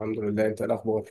الحمد لله، انت ايه الاخبار؟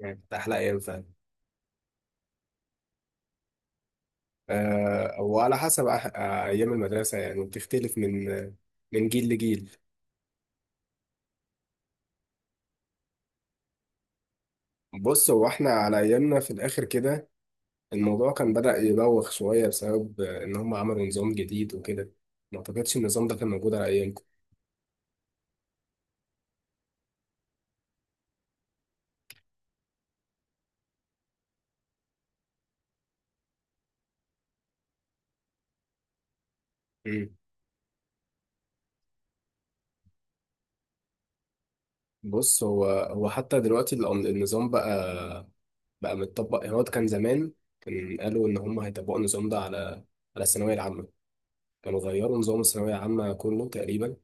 يعني كانت احلى ايام فعلا. أه، وعلى حسب أح آه، ايام المدرسه يعني بتختلف من جيل لجيل. بص، هو احنا على ايامنا في الاخر كده الموضوع كان بدأ يبوخ شويه بسبب ان هم عملوا نظام جديد وكده. ما اعتقدش النظام ده كان موجود على ايامكم. مم. بص، هو حتى دلوقتي النظام بقى متطبق. يعني هو كان زمان، كان قالوا ان هم هيطبقوا النظام ده على الثانويه العامه. كانوا غيروا نظام الثانويه العامه كله تقريبا.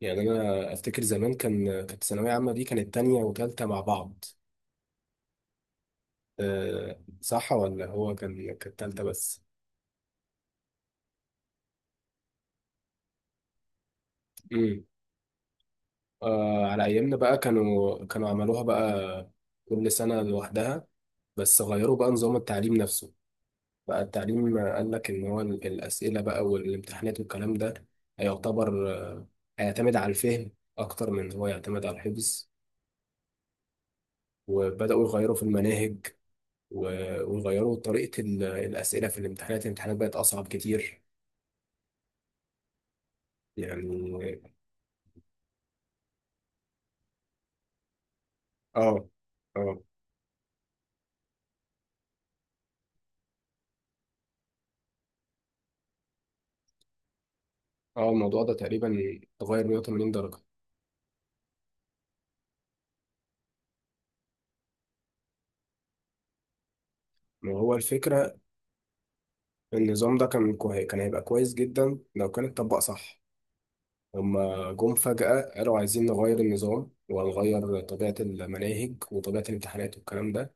يعني انا افتكر زمان كانت ثانويه عامه دي كانت تانية وتالتة مع بعض. أه صح، ولا هو كانت تالتة بس؟ امم. أه على ايامنا بقى كانوا عملوها بقى كل سنه لوحدها. بس غيروا بقى نظام التعليم نفسه. بقى التعليم قال لك ان هو الاسئله بقى والامتحانات والكلام ده هيعتبر آه، هيعتمد على الفهم اكتر من إن هو يعتمد على الحفظ. وبداوا يغيروا في المناهج. وغيروا طريقة الأسئلة في الامتحانات. الامتحانات بقت أصعب كتير يعني. اه، اه، اه، الموضوع ده تقريبا اتغير 180 درجة. ما هو الفكرة. النظام ده كان هيبقى كويس جدا لو كان اتطبق صح. هما جم فجأة قالوا عايزين نغير النظام، وهنغير طبيعة المناهج وطبيعة الامتحانات والكلام ده.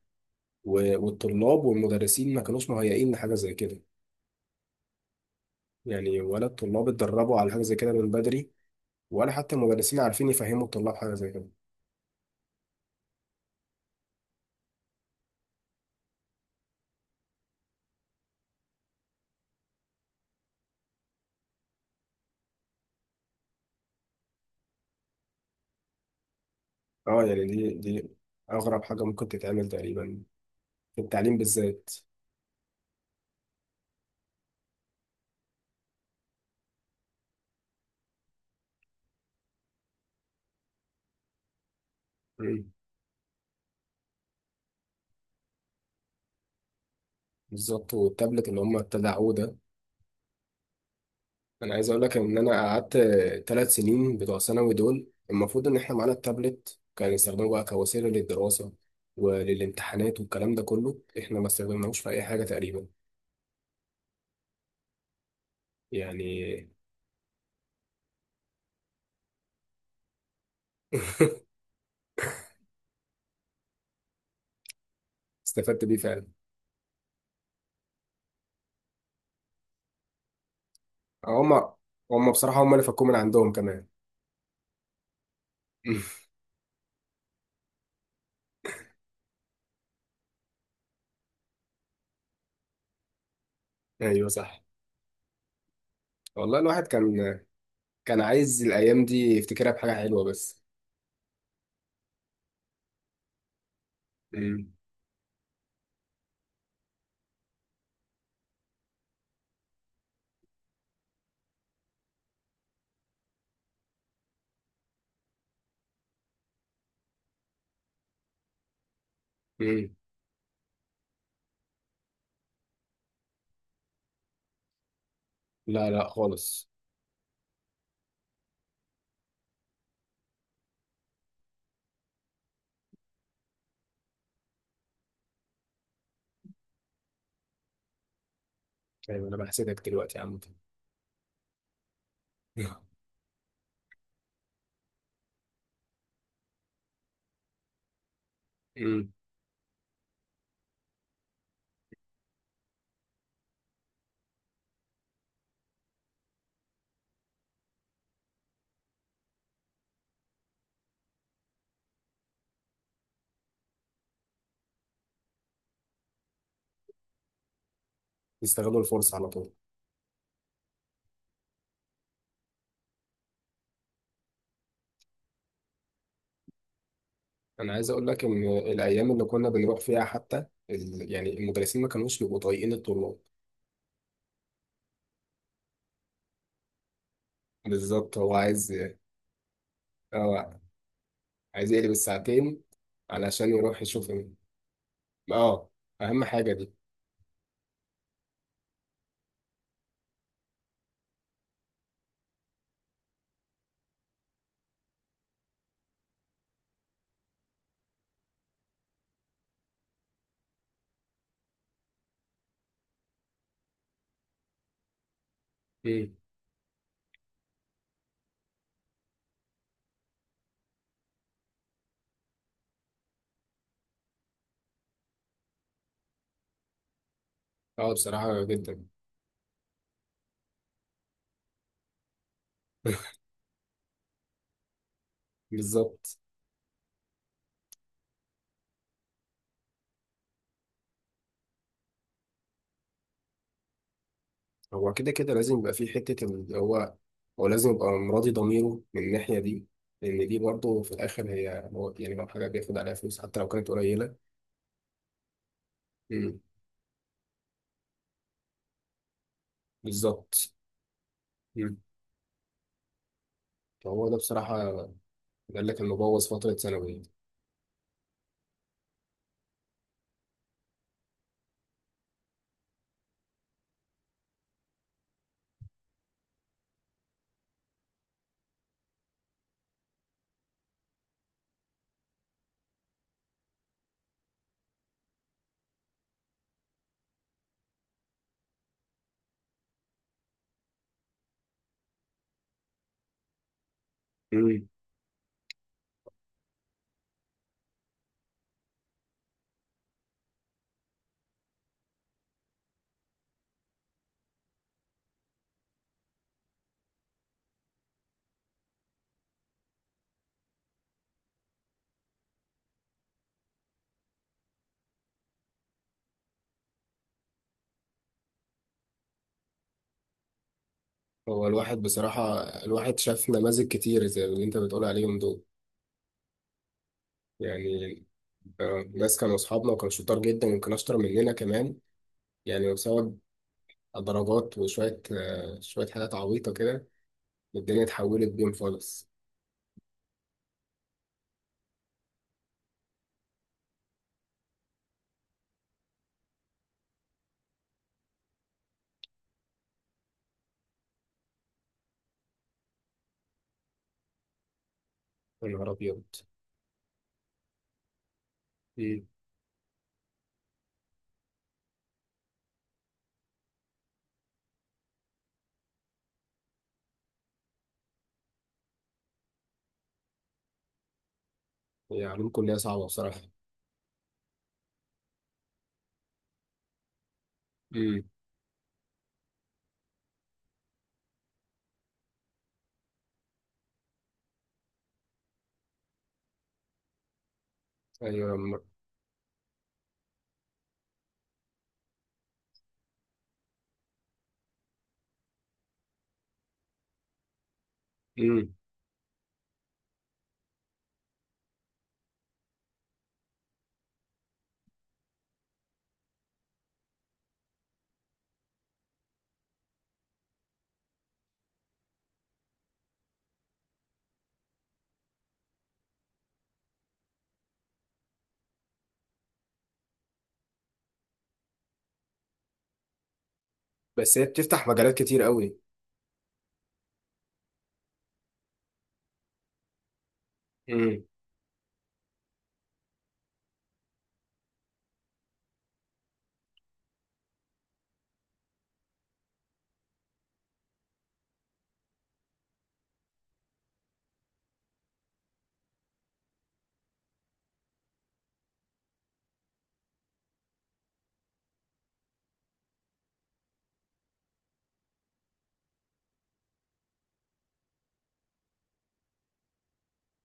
والطلاب والمدرسين ما كانوش مهيئين لحاجة زي كده. يعني ولا الطلاب اتدربوا على حاجة زي كده من بدري، ولا حتى المدرسين عارفين يفهموا الطلاب حاجة زي كده. اه، يعني دي اغرب حاجه ممكن تتعمل تقريبا في التعليم بالذات. مم. بالظبط، والتابلت اللي هم ابتدعوه ده. انا عايز اقول لك ان انا قعدت ثلاث سنين بتوع ثانوي. دول المفروض ان احنا معانا التابلت كان يستخدموه بقى كوسيله للدراسه وللامتحانات والكلام ده كله، احنا ما استخدمناهوش في اي حاجه تقريبا يعني. استفدت بيه فعلا. هم هم بصراحه، هم اللي فكوه من عندهم كمان. ايوه صح. والله الواحد كان عايز الأيام دي يفتكرها بحاجة حلوة بس. مم. مم. لا لا خالص. أيوة، أنا بحسدك دلوقتي يا عم. مم. يستغلوا الفرصة على طول. أنا عايز أقول لك إن الأيام اللي كنا بنروح فيها حتى يعني المدرسين ما كانوش بيبقوا طايقين الطلاب. بالظبط، هو عايز. هو عايز يقلب الساعتين علشان يروح يشوف اه، أهم حاجة دي. مم. اه، بصراحة جدا. بالظبط. هو كده كده لازم يبقى في حتة اللي هو، هو لازم يبقى مراضي ضميره من الناحية دي. لأن دي برضه في الآخر هي هو يعني لو حاجة بياخد عليها فلوس حتى لو كانت قليلة. مم. بالظبط. مم. فهو ده بصراحة، قال لك إنه بوظ فترة ثانوية. مم. هو الواحد بصراحة، الواحد شاف نماذج كتير زي اللي أنت بتقول عليهم دول يعني. ناس كانوا أصحابنا وكانوا شطار جدا يمكن أشطر مننا كمان. يعني بسبب درجات وشوية آه، شوية حاجات عبيطة كده. الدنيا اتحولت بيهم خالص. يا نهار أبيض. مم. هي علوم كلية صعبة بصراحة. مم. أيوة مم. بس هي بتفتح مجالات كتير قوي. مم.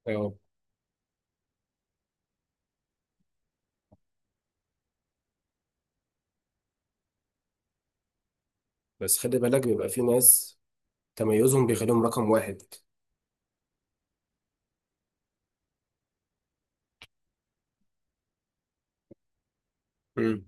أيوة، بس خلي بالك، بيبقى في ناس تميزهم بيخليهم رقم واحد. مم.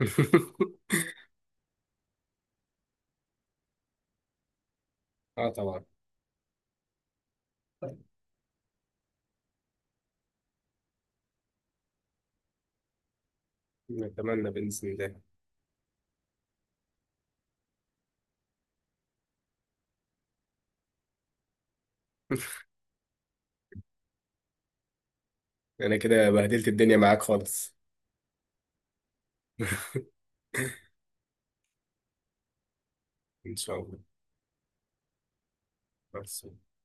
اه، طبعا. نتمنى بإذن الله. أنا كده بهدلت الدنيا معاك خالص. إن شاء الله. بس.